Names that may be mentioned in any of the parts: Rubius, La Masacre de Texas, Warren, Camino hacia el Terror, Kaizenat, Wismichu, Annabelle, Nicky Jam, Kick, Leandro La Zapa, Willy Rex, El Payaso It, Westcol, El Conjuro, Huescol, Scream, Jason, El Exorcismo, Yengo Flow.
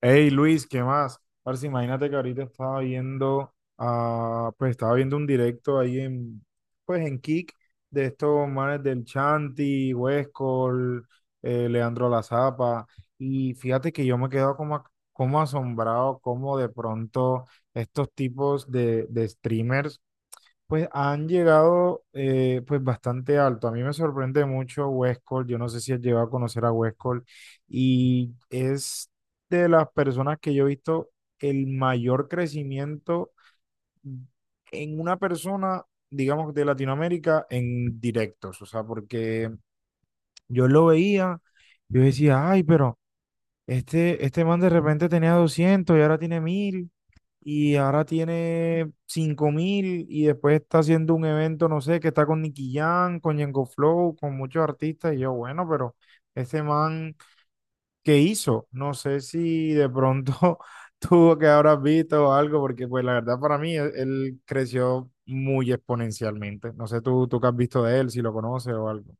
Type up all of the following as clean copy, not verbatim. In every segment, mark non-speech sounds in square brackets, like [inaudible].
Hey Luis, ¿qué más? Parce, imagínate que ahorita estaba viendo, ah, pues estaba viendo un directo ahí pues en Kick, de estos manes del Chanti, Huescol, Leandro La Zapa. Y fíjate que yo me quedo como, como asombrado, como de pronto estos tipos de streamers pues han llegado, pues bastante alto. A mí me sorprende mucho Westcol. Yo no sé si has llegado a conocer a Westcol. Y es de las personas que yo he visto el mayor crecimiento en una persona, digamos, de Latinoamérica en directos. O sea, porque yo lo veía, yo decía, ay, pero este man de repente tenía 200 y ahora tiene 1000 y ahora tiene 5000, y después está haciendo un evento, no sé, que está con Nicky Jam, con Yengo Flow, con muchos artistas, y yo, bueno, pero este man, ¿qué hizo? No sé si de pronto [laughs] tuvo que habrás visto o algo, porque pues la verdad para mí él creció muy exponencialmente. No sé tú qué has visto de él, si lo conoces o algo.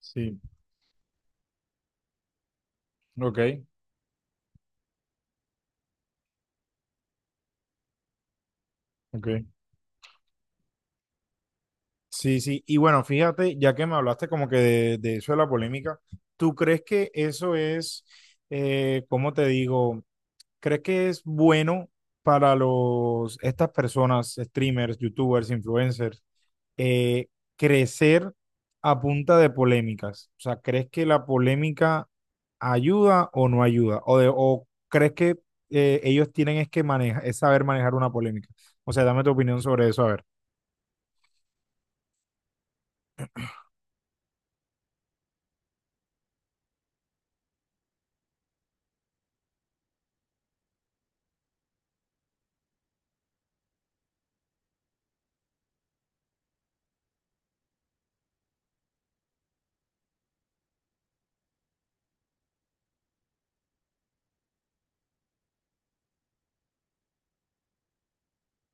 Sí, ok, ok. Sí, sí. Y bueno, fíjate, ya que me hablaste como que de eso de la polémica, ¿tú crees que eso es, cómo te digo, crees que es bueno para estas personas, streamers, youtubers, influencers, eh, crecer a punta de polémicas? O sea, ¿crees que la polémica ayuda o no ayuda? ¿O, o crees que ellos tienen es que manejar, es saber manejar una polémica? O sea, dame tu opinión sobre eso, a ver.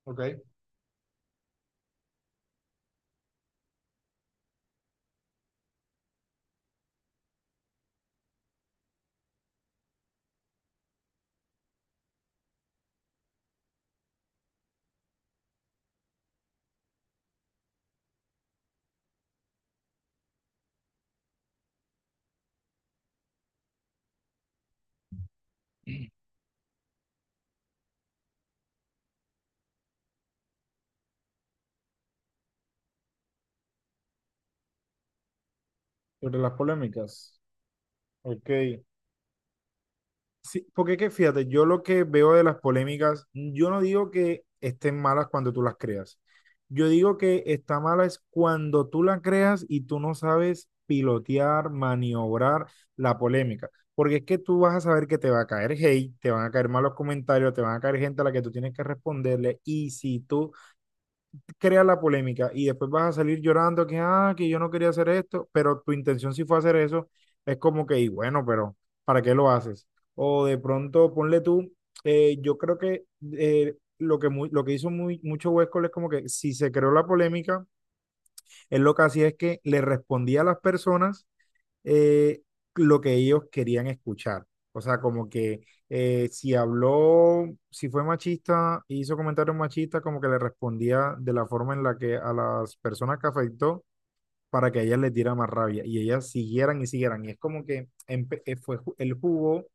Ok, sobre las polémicas. Ok. Sí, porque que fíjate, yo lo que veo de las polémicas, yo no digo que estén malas cuando tú las creas. Yo digo que está mala es cuando tú la creas y tú no sabes pilotear, maniobrar la polémica. Porque es que tú vas a saber que te va a caer hate, te van a caer malos comentarios, te van a caer gente a la que tú tienes que responderle. Y si tú crea la polémica y después vas a salir llorando que, ah, que yo no quería hacer esto, pero tu intención sí fue hacer eso, es como que, y bueno, pero ¿para qué lo haces? O de pronto, ponle tú, yo creo que lo que, lo que hizo mucho Huescol es como que si se creó la polémica, él lo que hacía es que le respondía a las personas eh, lo que ellos querían escuchar. O sea, como que si habló, si fue machista, hizo comentarios machistas, como que le respondía de la forma en la que a las personas que afectó para que a ellas les diera más rabia y ellas siguieran y siguieran. Y es como que el jugó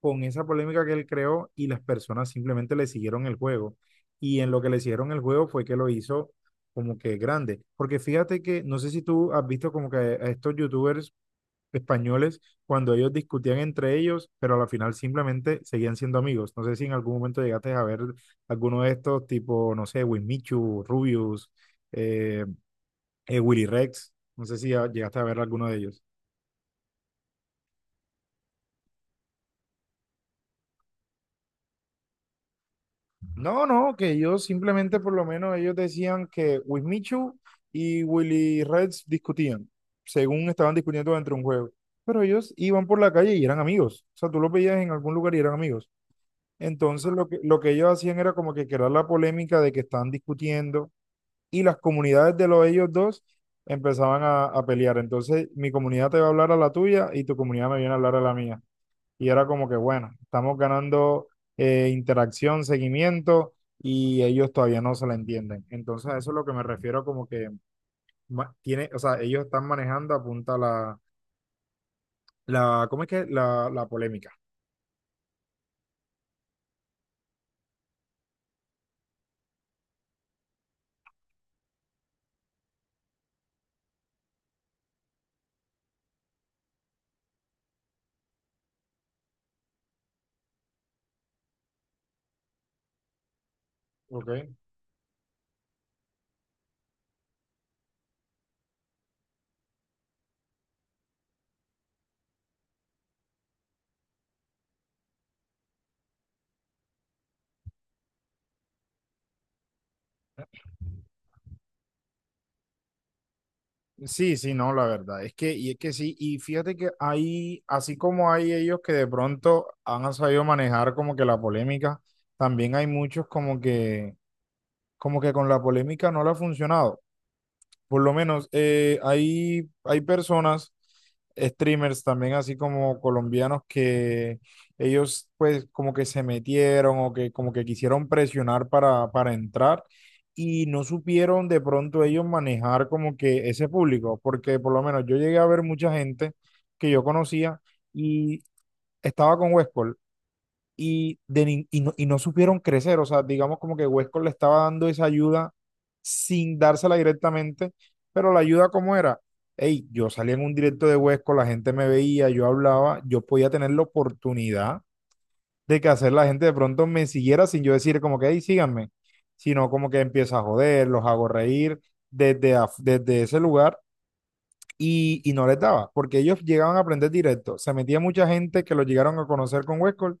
con esa polémica que él creó y las personas simplemente le siguieron el juego. Y en lo que le siguieron el juego fue que lo hizo como que grande. Porque fíjate que, no sé si tú has visto como que a estos youtubers españoles cuando ellos discutían entre ellos, pero a la final simplemente seguían siendo amigos. No sé si en algún momento llegaste a ver alguno de estos, tipo, no sé, Winmichu, Rubius, eh, Willy Rex. No sé si llegaste a ver alguno de ellos. No, no, que ellos simplemente, por lo menos, ellos decían que Wismichu y Willy Rex discutían, según estaban discutiendo dentro de un juego. Pero ellos iban por la calle y eran amigos. O sea, tú los veías en algún lugar y eran amigos. Entonces lo que ellos hacían era como que crear la polémica de que estaban discutiendo, y las comunidades de los ellos dos empezaban a pelear. Entonces mi comunidad te va a hablar a la tuya y tu comunidad me viene a hablar a la mía. Y era como que, bueno, estamos ganando interacción, seguimiento, y ellos todavía no se la entienden. Entonces a eso es lo que me refiero como que tiene, o sea, ellos están manejando apunta la, la, ¿cómo es que? La polémica. ¿Ok? Sí, sí, no, la verdad es que, y es que sí, y fíjate que hay, así como hay ellos que de pronto han sabido manejar como que la polémica, también hay muchos como que con la polémica no le ha funcionado. Por lo menos hay personas, streamers también, así como colombianos, que ellos pues como que se metieron o que como que quisieron presionar para entrar y no supieron de pronto ellos manejar como que ese público, porque por lo menos yo llegué a ver mucha gente que yo conocía y estaba con Westcol, y, no, y no supieron crecer. O sea, digamos como que Westcott le estaba dando esa ayuda sin dársela directamente, pero la ayuda como era, hey, yo salía en un directo de Westcott, la gente me veía, yo hablaba, yo podía tener la oportunidad de que hacer la gente de pronto me siguiera sin yo decir como que, hey, síganme, sino como que empieza a joder, los hago reír desde, desde ese lugar. Y no les daba, porque ellos llegaban a aprender directo. Se metía mucha gente que lo llegaron a conocer con Westcott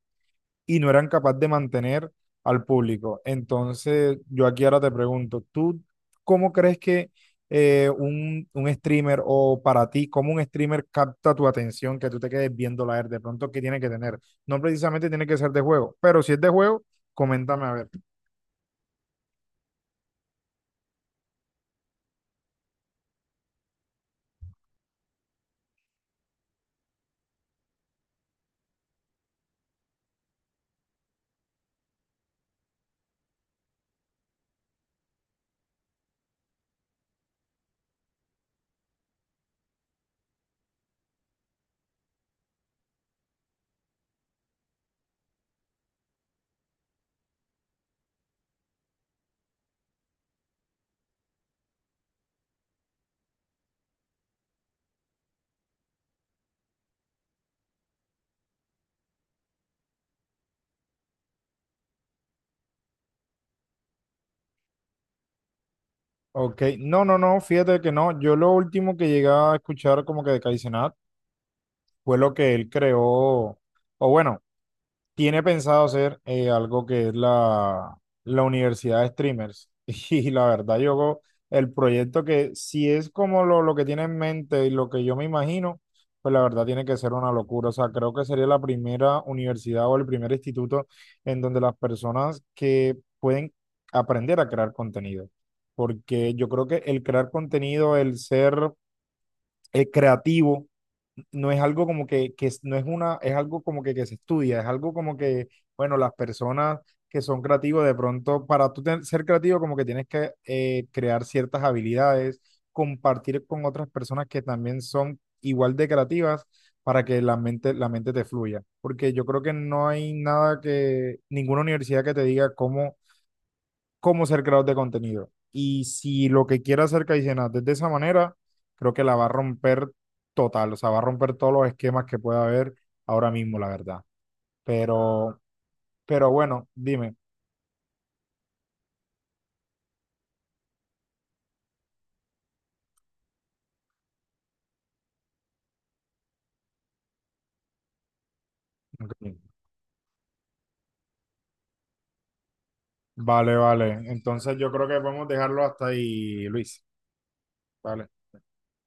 y no eran capaces de mantener al público. Entonces, yo aquí ahora te pregunto, ¿tú cómo crees que un streamer o para ti, cómo un streamer capta tu atención, que tú te quedes viendo la de pronto, qué tiene que tener? No precisamente tiene que ser de juego, pero si es de juego, coméntame a ver. Ok, no, no, no, fíjate que no, yo lo último que llegué a escuchar como que de Kaizenat fue lo que él creó, o bueno, tiene pensado hacer algo que es la universidad de streamers. [laughs] Y la verdad, yo, el proyecto que si es como lo que tiene en mente y lo que yo me imagino, pues la verdad tiene que ser una locura. O sea, creo que sería la primera universidad o el primer instituto en donde las personas que pueden aprender a crear contenido. Porque yo creo que el crear contenido, el ser creativo, no es algo como que, no es una, es algo como que se estudia, es algo como que, bueno, las personas que son creativos, de pronto, para tú ser creativo, como que tienes que crear ciertas habilidades, compartir con otras personas que también son igual de creativas para que la mente te fluya. Porque yo creo que no hay nada ninguna universidad que te diga cómo ser creador de contenido. Y si lo que quiere hacer Caicenas es de esa manera, creo que la va a romper total, o sea, va a romper todos los esquemas que pueda haber ahora mismo, la verdad. Pero, pero bueno, dime. Ok. Vale, vale. Entonces yo creo que podemos dejarlo hasta ahí, Luis. Vale.